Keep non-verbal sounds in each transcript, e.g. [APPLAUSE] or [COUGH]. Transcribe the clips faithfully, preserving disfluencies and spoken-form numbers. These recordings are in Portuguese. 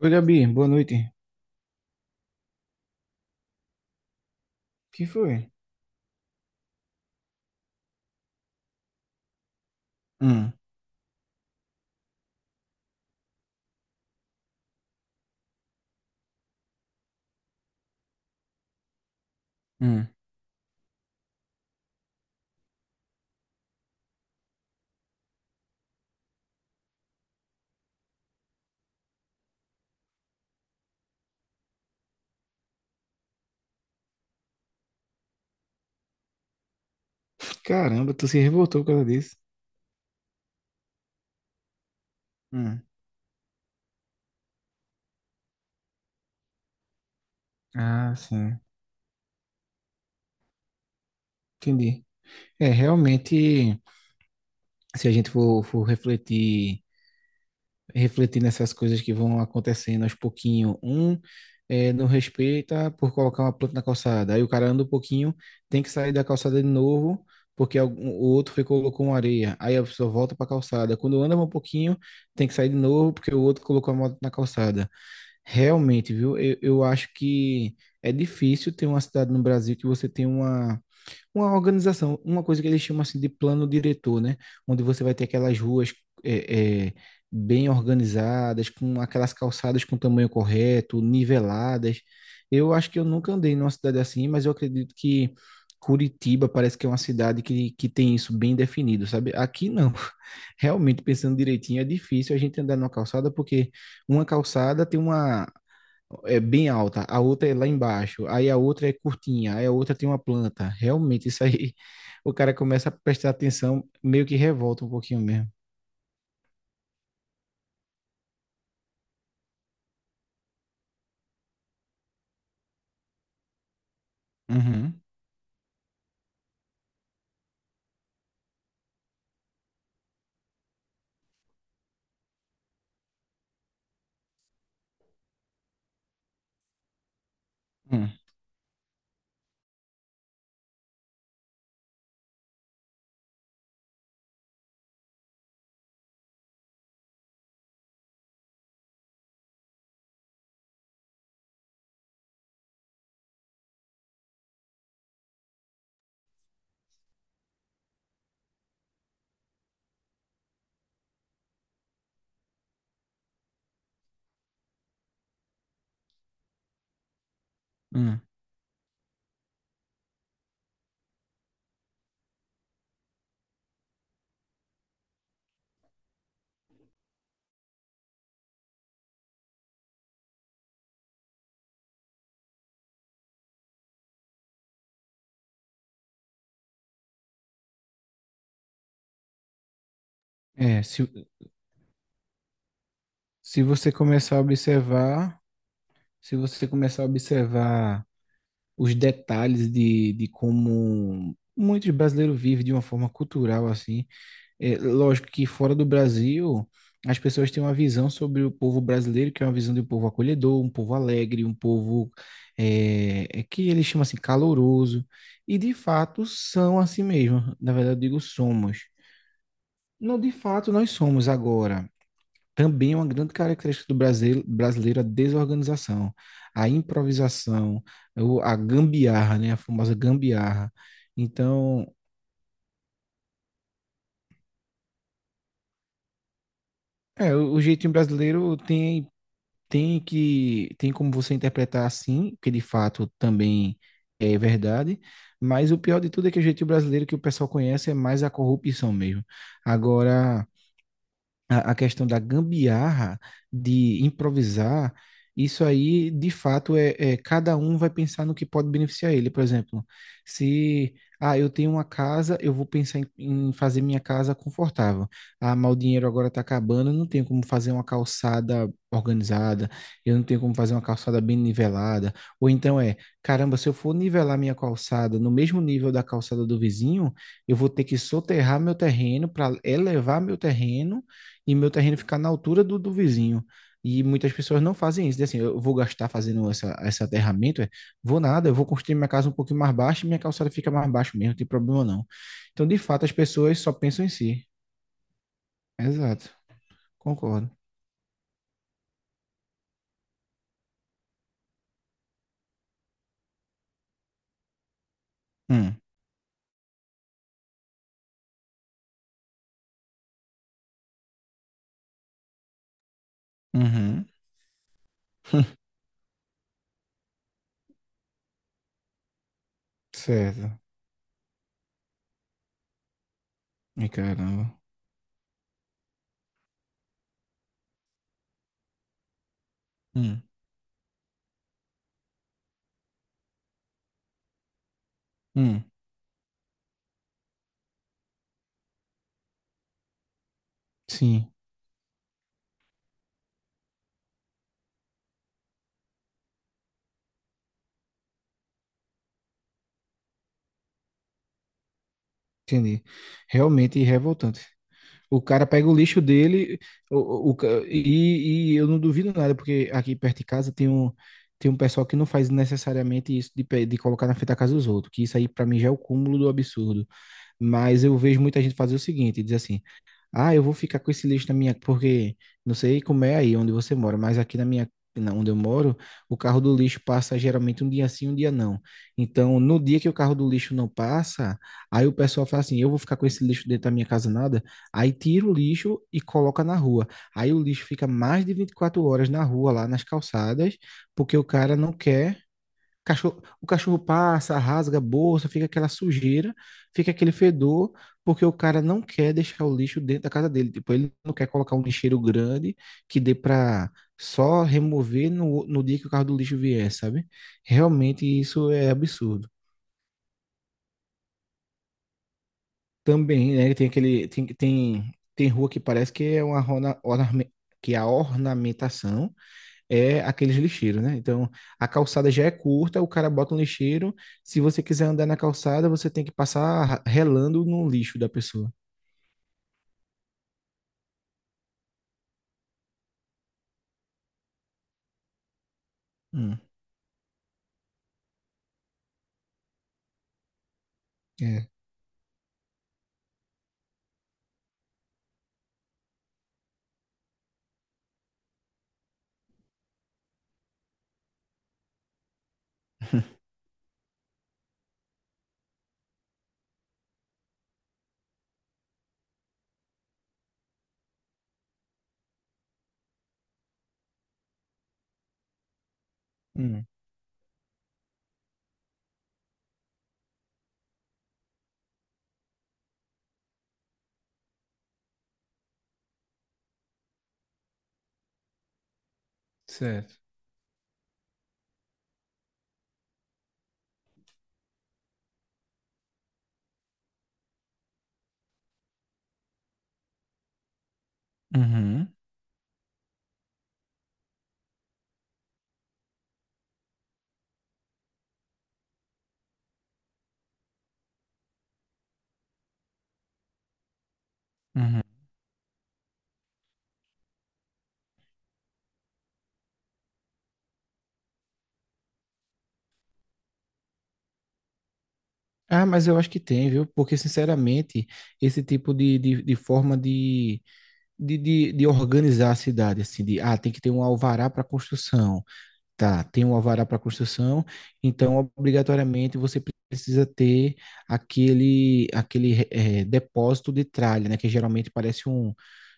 Oi, Gabi, boa noite. Que foi? Hum, hum. Caramba, tu se revoltou por causa disso. Hum. Ah, sim. Entendi. É, realmente, se a gente for, for refletir, refletir nessas coisas que vão acontecendo aos pouquinho, um é, não respeita por colocar uma planta na calçada. Aí o cara anda um pouquinho, tem que sair da calçada de novo, porque algum- o outro foi e colocou uma areia. Aí a pessoa volta para a calçada. Quando anda um pouquinho, tem que sair de novo, porque o outro colocou a moto na calçada. Realmente, viu? Eu, eu acho que é difícil ter uma cidade no Brasil que você tem uma, uma organização, uma coisa que eles chamam assim de plano diretor, né? Onde você vai ter aquelas ruas é, é, bem organizadas, com aquelas calçadas com tamanho correto, niveladas. Eu acho que eu nunca andei numa cidade assim, mas eu acredito que Curitiba parece que é uma cidade que, que tem isso bem definido, sabe? Aqui não. [LAUGHS] Realmente, pensando direitinho, é difícil a gente andar numa calçada porque uma calçada tem uma é bem alta, a outra é lá embaixo, aí a outra é curtinha, aí a outra tem uma planta. Realmente, isso aí [LAUGHS] o cara começa a prestar atenção, meio que revolta um pouquinho mesmo. Uhum. Hum, hum. É, se, se você começar a observar, se você começar a observar os detalhes de, de como muitos brasileiros vivem de uma forma cultural assim. É, lógico que fora do Brasil, as pessoas têm uma visão sobre o povo brasileiro, que é uma visão de um povo acolhedor, um povo alegre, um povo é, é que eles chamam assim caloroso. E de fato são assim mesmo. Na verdade, eu digo somos. Não, de fato, nós somos agora. Também é uma grande característica do Brasil, brasileiro a desorganização, a improvisação, o- a gambiarra, né? A famosa gambiarra. Então, é, o o jeitinho brasileiro tem tem que tem como você interpretar assim, que de fato também é verdade, mas o pior de tudo é que o jeitinho brasileiro que o pessoal conhece é mais a corrupção mesmo. Agora, a, a questão da gambiarra, de improvisar, isso aí, de fato, é, é cada um vai pensar no que pode beneficiar ele. Por exemplo, se ah, eu tenho uma casa, eu vou pensar em, em fazer minha casa confortável. Ah, mas o dinheiro agora está acabando, eu não tenho como fazer uma calçada organizada, eu não tenho como fazer uma calçada bem nivelada. Ou então é, caramba, se eu for nivelar minha calçada no mesmo nível da calçada do vizinho, eu vou ter que soterrar meu terreno para elevar meu terreno e meu terreno ficar na altura do, do vizinho. E muitas pessoas não fazem isso. Dizem assim, eu vou gastar fazendo essa, esse aterramento, é, vou nada, eu vou construir minha casa um pouquinho mais baixa e minha calçada fica mais baixa mesmo, não tem problema não. Então, de fato, as pessoas só pensam em si. Exato, concordo. Hum, uhum, certo. E caramba. Hum, hum, sim, entendi. Realmente revoltante. O cara pega o lixo dele o, o, ca- e, e eu não duvido nada, porque aqui perto de casa tem um, tem um pessoal que não faz necessariamente isso de, pe- de colocar na frente da casa dos outros, que isso aí pra mim já é o cúmulo do absurdo. Mas eu vejo muita gente fazer o seguinte, diz assim, ah, eu vou ficar com esse lixo na minha, porque não sei como é aí onde você mora, mas aqui na minha, na- onde eu moro, o carro do lixo passa geralmente um dia sim, um dia não. Então, no dia que o carro do lixo não passa, aí o pessoal fala assim: eu vou ficar com esse lixo dentro da minha casa nada. Aí tira o lixo e coloca na rua. Aí o lixo fica mais de vinte e quatro horas na rua, lá nas calçadas, porque o cara não quer. Cachorro, o cachorro passa, rasga a bolsa, fica aquela sujeira, fica aquele fedor, porque o cara não quer deixar o lixo dentro da casa dele. Tipo, ele não quer colocar um lixeiro grande que dê para só remover no, no dia que o carro do lixo vier, sabe? Realmente isso é absurdo. Também, né? Tem aquele. Tem, tem, tem rua que parece que é uma orna, orna- que é a ornamentação é aqueles lixeiros, né? Então, a calçada já é curta, o cara bota um lixeiro. Se você quiser andar na calçada, você tem que passar relando no lixo da pessoa. Hum. É. [LAUGHS] Hum, certo. Uhum, uhum. Ah, mas eu acho que tem, viu? Porque, sinceramente, esse tipo de, de, de forma de, de, de, de organizar a cidade, assim, de, ah, tem que ter um alvará para construção. Tá, tem um alvará para construção, então obrigatoriamente você precisa ter aquele aquele eh, depósito de tralha, né? Que geralmente parece um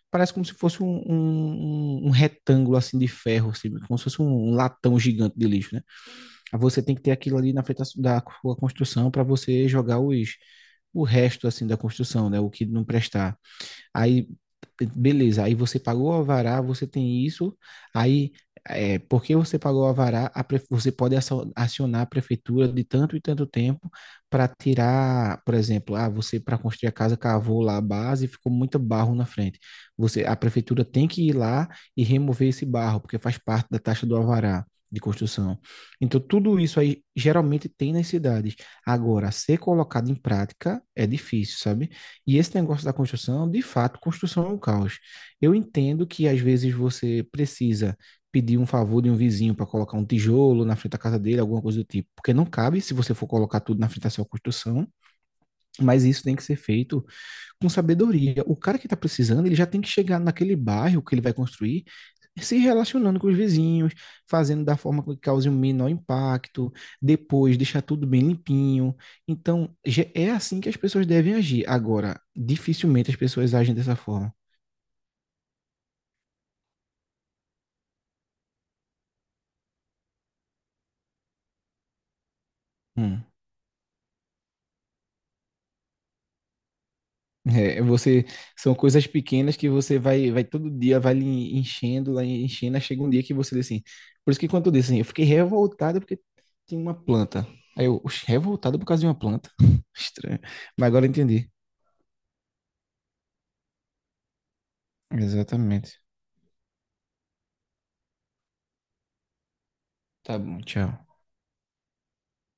parece como se fosse um, um, um um retângulo assim de ferro, assim, como se fosse um um latão gigante de lixo, né? Aí você tem que ter aquilo ali na frente da su- da sua construção para você jogar os o resto assim da construção, né? O que não prestar. Aí, beleza, aí você pagou o alvará, você tem isso, aí é, porque você pagou o alvará, a pre- você pode acio- acionar a prefeitura de tanto e tanto tempo para tirar, por exemplo, ah, você para construir a casa cavou lá a base e ficou muito barro na frente. Você, a prefeitura tem que ir lá e remover esse barro, porque faz parte da taxa do alvará de construção. Então, tudo isso aí geralmente tem nas cidades. Agora, ser colocado em prática é difícil, sabe? E esse negócio da construção, de fato, construção é um caos. Eu entendo que às vezes você precisa pedir um favor de um vizinho para colocar um tijolo na frente da casa dele, alguma coisa do tipo, porque não cabe se você for colocar tudo na frente da sua construção, mas isso tem que ser feito com sabedoria. O cara que está precisando, ele já tem que chegar naquele bairro que ele vai construir se relacionando com os vizinhos, fazendo da forma que cause o menor impacto, depois deixar tudo bem limpinho. Então, já- é assim que as pessoas devem agir. Agora, dificilmente as pessoas agem dessa forma. Hum. É, você, são coisas pequenas que você vai, vai todo dia, vai lhe enchendo, lá enchendo, aí chega um dia que você diz assim. Por isso que quando eu disse assim, eu fiquei revoltado porque tinha uma planta. Aí eu, "Oxe, revoltado por causa de uma planta? [LAUGHS] Estranho. Mas agora eu entendi. Exatamente. Tá bom, tchau.